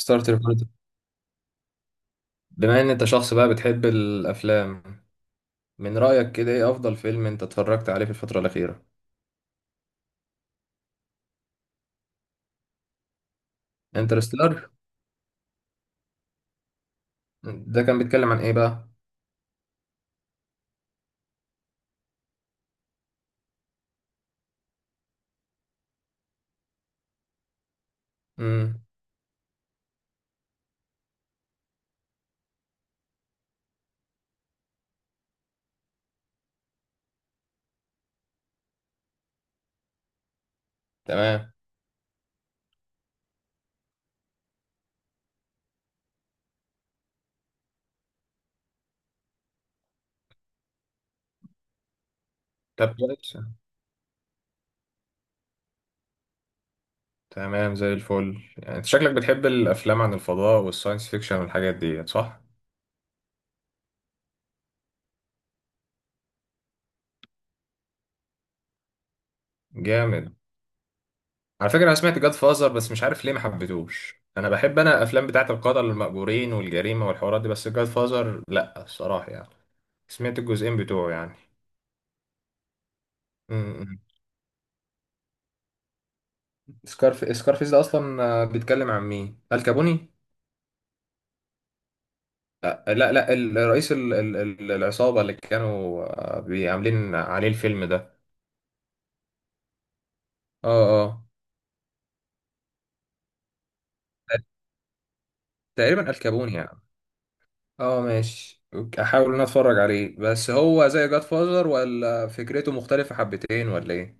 ستارتر بارت. بما ان انت شخص بقى بتحب الافلام، من رايك كده ايه افضل فيلم انت اتفرجت عليه في الفتره الاخيره؟ انترستيلر. ده كان بيتكلم عن ايه بقى؟ امم تمام. طب كويس. تمام زي الفل. يعني انت شكلك بتحب الافلام عن الفضاء والساينس فيكشن والحاجات دي صح؟ جامد. على فكره انا سمعت جاد فازر بس مش عارف ليه ما حبيتوش، انا بحب انا الافلام بتاعه القتل المأجورين والجريمه والحوارات دي، بس جاد فازر لا، الصراحه يعني. سمعت الجزئين بتوعه يعني. مم. سكارفيس ده اصلا بيتكلم عن مين، الكابوني؟ لا لا، الرئيس، العصابه اللي كانوا عاملين عليه الفيلم ده. اه اه. تقريبا الكابوني يعني. اه ماشي أوكي، احاول ان أنا اتفرج عليه. بس هو زي جاد فازر ولا فكرته مختلفه حبتين ولا ايه؟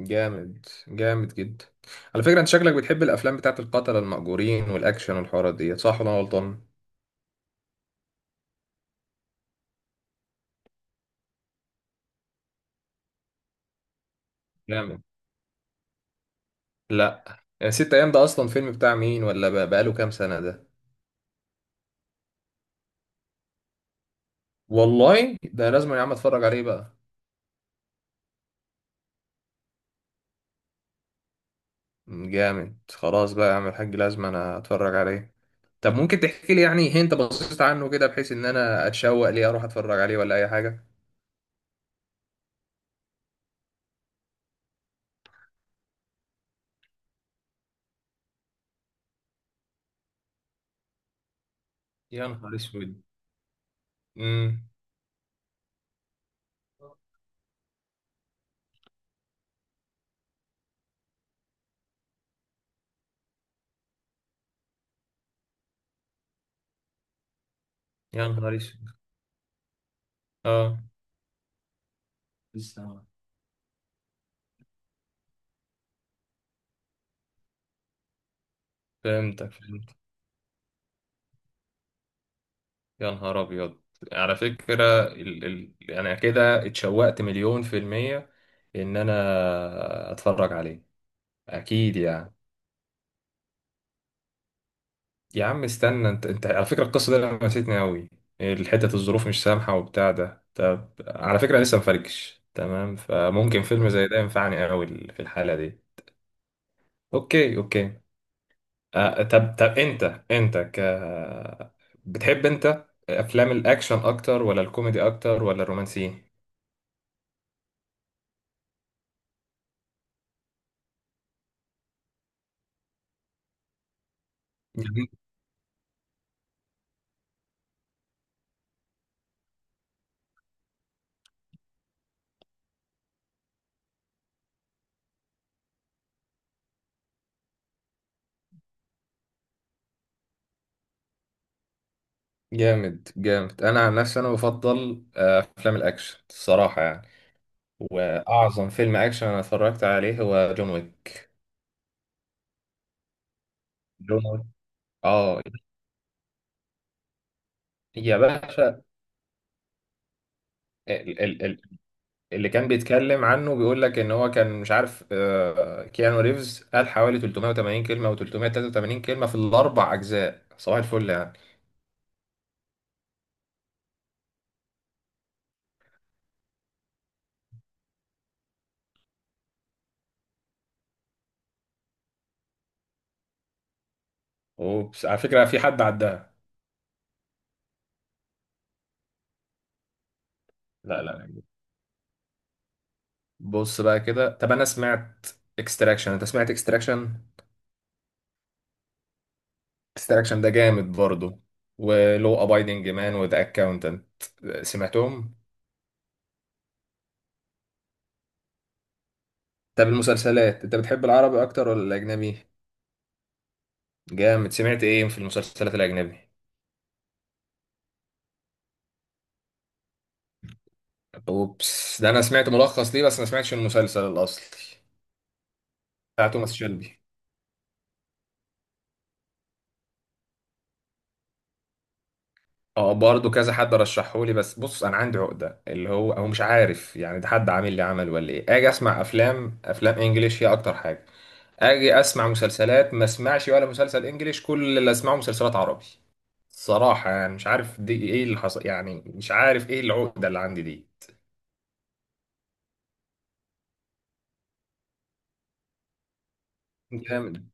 جامد جامد جدا. على فكره انت شكلك بتحب الافلام بتاعت القتله المأجورين والاكشن والحوارات دي صح ولا أنا غلطان؟ جامد. لا. يعني ست ايام ده اصلا فيلم بتاع مين؟ ولا بقاله كام سنه ده؟ والله ده لازم يا عم اتفرج عليه بقى. جامد. خلاص بقى يا عم الحاج لازم انا اتفرج عليه. طب ممكن تحكي لي يعني انت بصيت عنه كده بحيث ان انا اتشوق ليه اروح اتفرج عليه ولا اي حاجه؟ يا نهار اسود. امم يا نهار اسود. اه. لسه. فهمتك، فهمت. يا نهار ابيض. على فكره، انا كده اتشوقت مليون في الميه ان انا اتفرج عليه، اكيد يعني. يا عم استنى، انت انت على فكرة القصة دي لمستني قوي. الحتة الظروف مش سامحة وبتاع ده. طب على فكرة لسه مفركش تمام، فممكن فيلم زي ده ينفعني قوي في الحالة دي. اوكي اوكي. آه طب طب انت ك بتحب انت افلام الاكشن اكتر ولا الكوميدي اكتر ولا الرومانسي؟ جميل. جامد جامد. انا عن نفسي انا بفضل افلام الاكشن، الصراحة يعني. واعظم فيلم اكشن انا اتفرجت عليه هو جون ويك. جون ويك. اه يا باشا. ال- ال- ال- اللي كان بيتكلم عنه بيقول لك ان هو كان مش عارف، كيانو ريفز قال حوالي 380 كلمه او 383 كلمه في الاربع اجزاء، صباح الفل يعني. وبس على فكره في حد عداها؟ لا لا. بص بقى كده، طب انا سمعت اكستراكشن، انت سمعت اكستراكشن؟ اكستراكشن ده جامد برضه، ولو ابايدنج مان وذا اكاونتنت، سمعتهم؟ طب المسلسلات انت بتحب العربي اكتر ولا الاجنبي؟ جامد. سمعت ايه في المسلسلات الاجنبي؟ اوبس ده انا سمعت ملخص ليه بس ما سمعتش المسلسل الاصلي، بتاع توماس شيلبي. اه برضه كذا حد رشحه لي، بس بص انا عندي عقده، اللي هو هو مش عارف يعني ده حد عامل لي عمل ولا ايه، اجي اسمع افلام، افلام انجليش هي اكتر حاجه. اجي اسمع مسلسلات ما اسمعش ولا مسلسل انجليش، كل اللي اسمعه مسلسلات عربي، صراحه يعني. مش عارف دي ايه اللي حصل يعني، مش عارف ايه العقده اللي عندي دي. جامد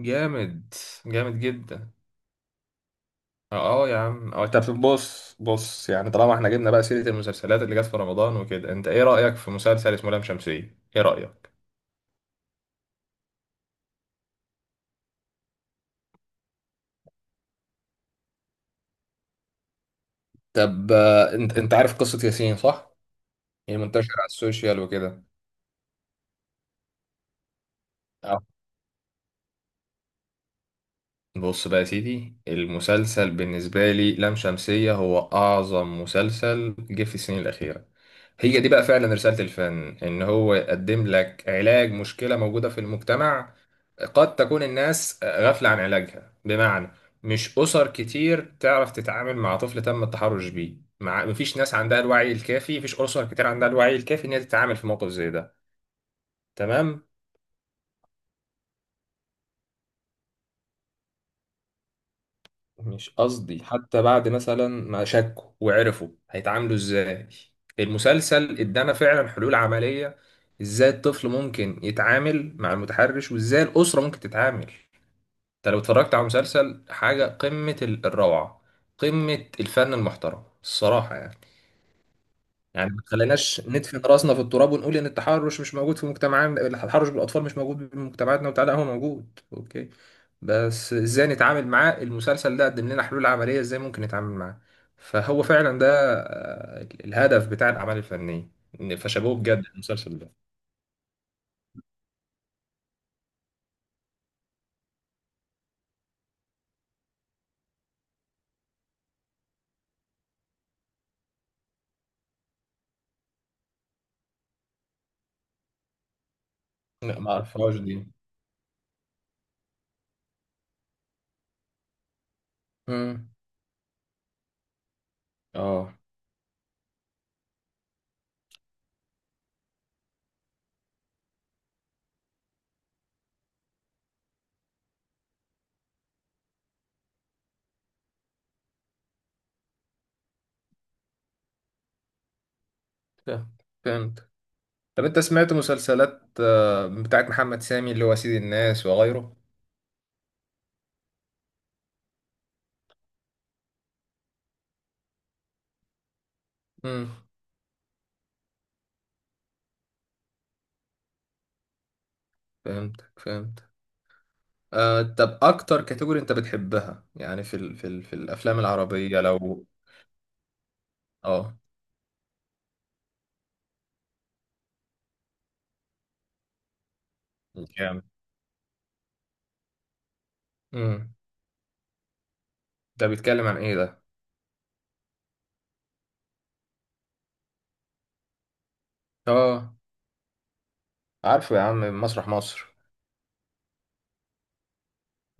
جامد. جامد جدا. اه يا عم اه. طب بص بص، يعني طالما احنا جبنا بقى سيرة المسلسلات اللي جت في رمضان وكده، انت ايه رأيك في مسلسل اسمه لام شمسية؟ ايه رأيك؟ طب انت انت عارف قصة ياسين صح؟ هي منتشرة على السوشيال وكده. بص بقى يا سيدي، المسلسل بالنسبة لي لام شمسية هو أعظم مسلسل جه في السنين الأخيرة. هي دي بقى فعلا رسالة الفن، إن هو يقدم لك علاج مشكلة موجودة في المجتمع قد تكون الناس غافلة عن علاجها. بمعنى، مش أسر كتير تعرف تتعامل مع طفل تم التحرش بيه، مع مفيش ناس عندها الوعي الكافي، مفيش أسر كتير عندها الوعي الكافي إن هي تتعامل في موقف زي ده. تمام. مش قصدي، حتى بعد مثلا ما شكوا وعرفوا هيتعاملوا ازاي، المسلسل ادانا فعلا حلول عملية، ازاي الطفل ممكن يتعامل مع المتحرش وازاي الأسرة ممكن تتعامل. انت لو اتفرجت على مسلسل حاجة قمة الروعة، قمة الفن المحترم، الصراحة يعني. يعني ما تخليناش ندفن راسنا في التراب ونقول ان التحرش مش موجود في مجتمعنا، التحرش بالاطفال مش موجود في مجتمعاتنا وبتاع، لا هو موجود اوكي، بس ازاي نتعامل معاه. المسلسل ده قدم لنا حلول عمليه ازاي ممكن نتعامل معاه. فهو فعلا ده الهدف بتاع الاعمال الفنيه. فشابوه بجد المسلسل ده. لا ما اعرفهاش دي. امم اه. فهمت. فهمت. طب انت سمعت مسلسلات بتاعت محمد سامي اللي هو سيد الناس وغيره؟ امم فهمت فهمت. طب اكتر كاتيجوري انت بتحبها يعني في ال في ال في الافلام العربيه لو؟ اه. جامد. امم ده بيتكلم عن ايه ده؟ اه عارفه. يا عم مسرح مصر.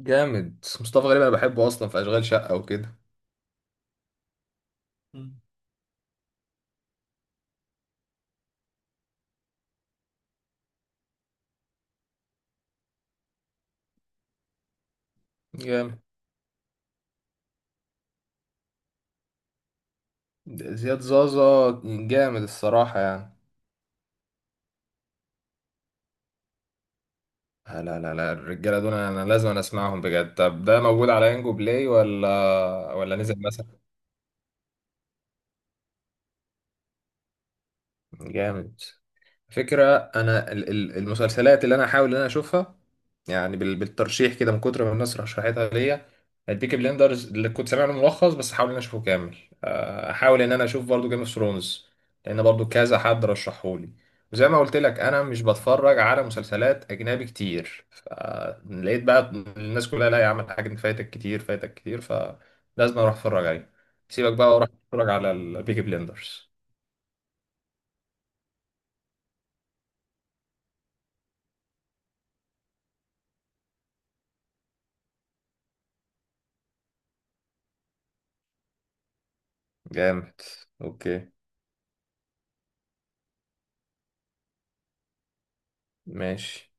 جامد. مصطفى غريب انا بحبه اصلا في اشغال شقه وكده. مم. جامد. زياد زازا. جامد الصراحه يعني. لا لا لا، الرجاله دول انا لازم أنا اسمعهم بجد. طب ده موجود على ينجو بلاي ولا نزل مثلا؟ جامد. فكرة أنا المسلسلات اللي أنا أحاول إن أنا أشوفها يعني بالترشيح كده من كتر ما الناس رشحتها ليا، البيكي بليندرز اللي كنت سامع له ملخص بس أحاول إن أنا أشوفه كامل. أحاول إن أنا أشوف برضو جيم اوف ثرونز لأن برضو كذا حد رشحهولي. وزي ما قلت لك أنا مش بتفرج على مسلسلات أجنبي كتير، فلقيت بقى الناس كلها، لا يا عم الحاجة دي فايتك كتير، فايتك كتير، فلازم أروح أتفرج عليه. سيبك بقى وأروح أتفرج على البيكي بليندرز. جامد. أوكي. ماشي.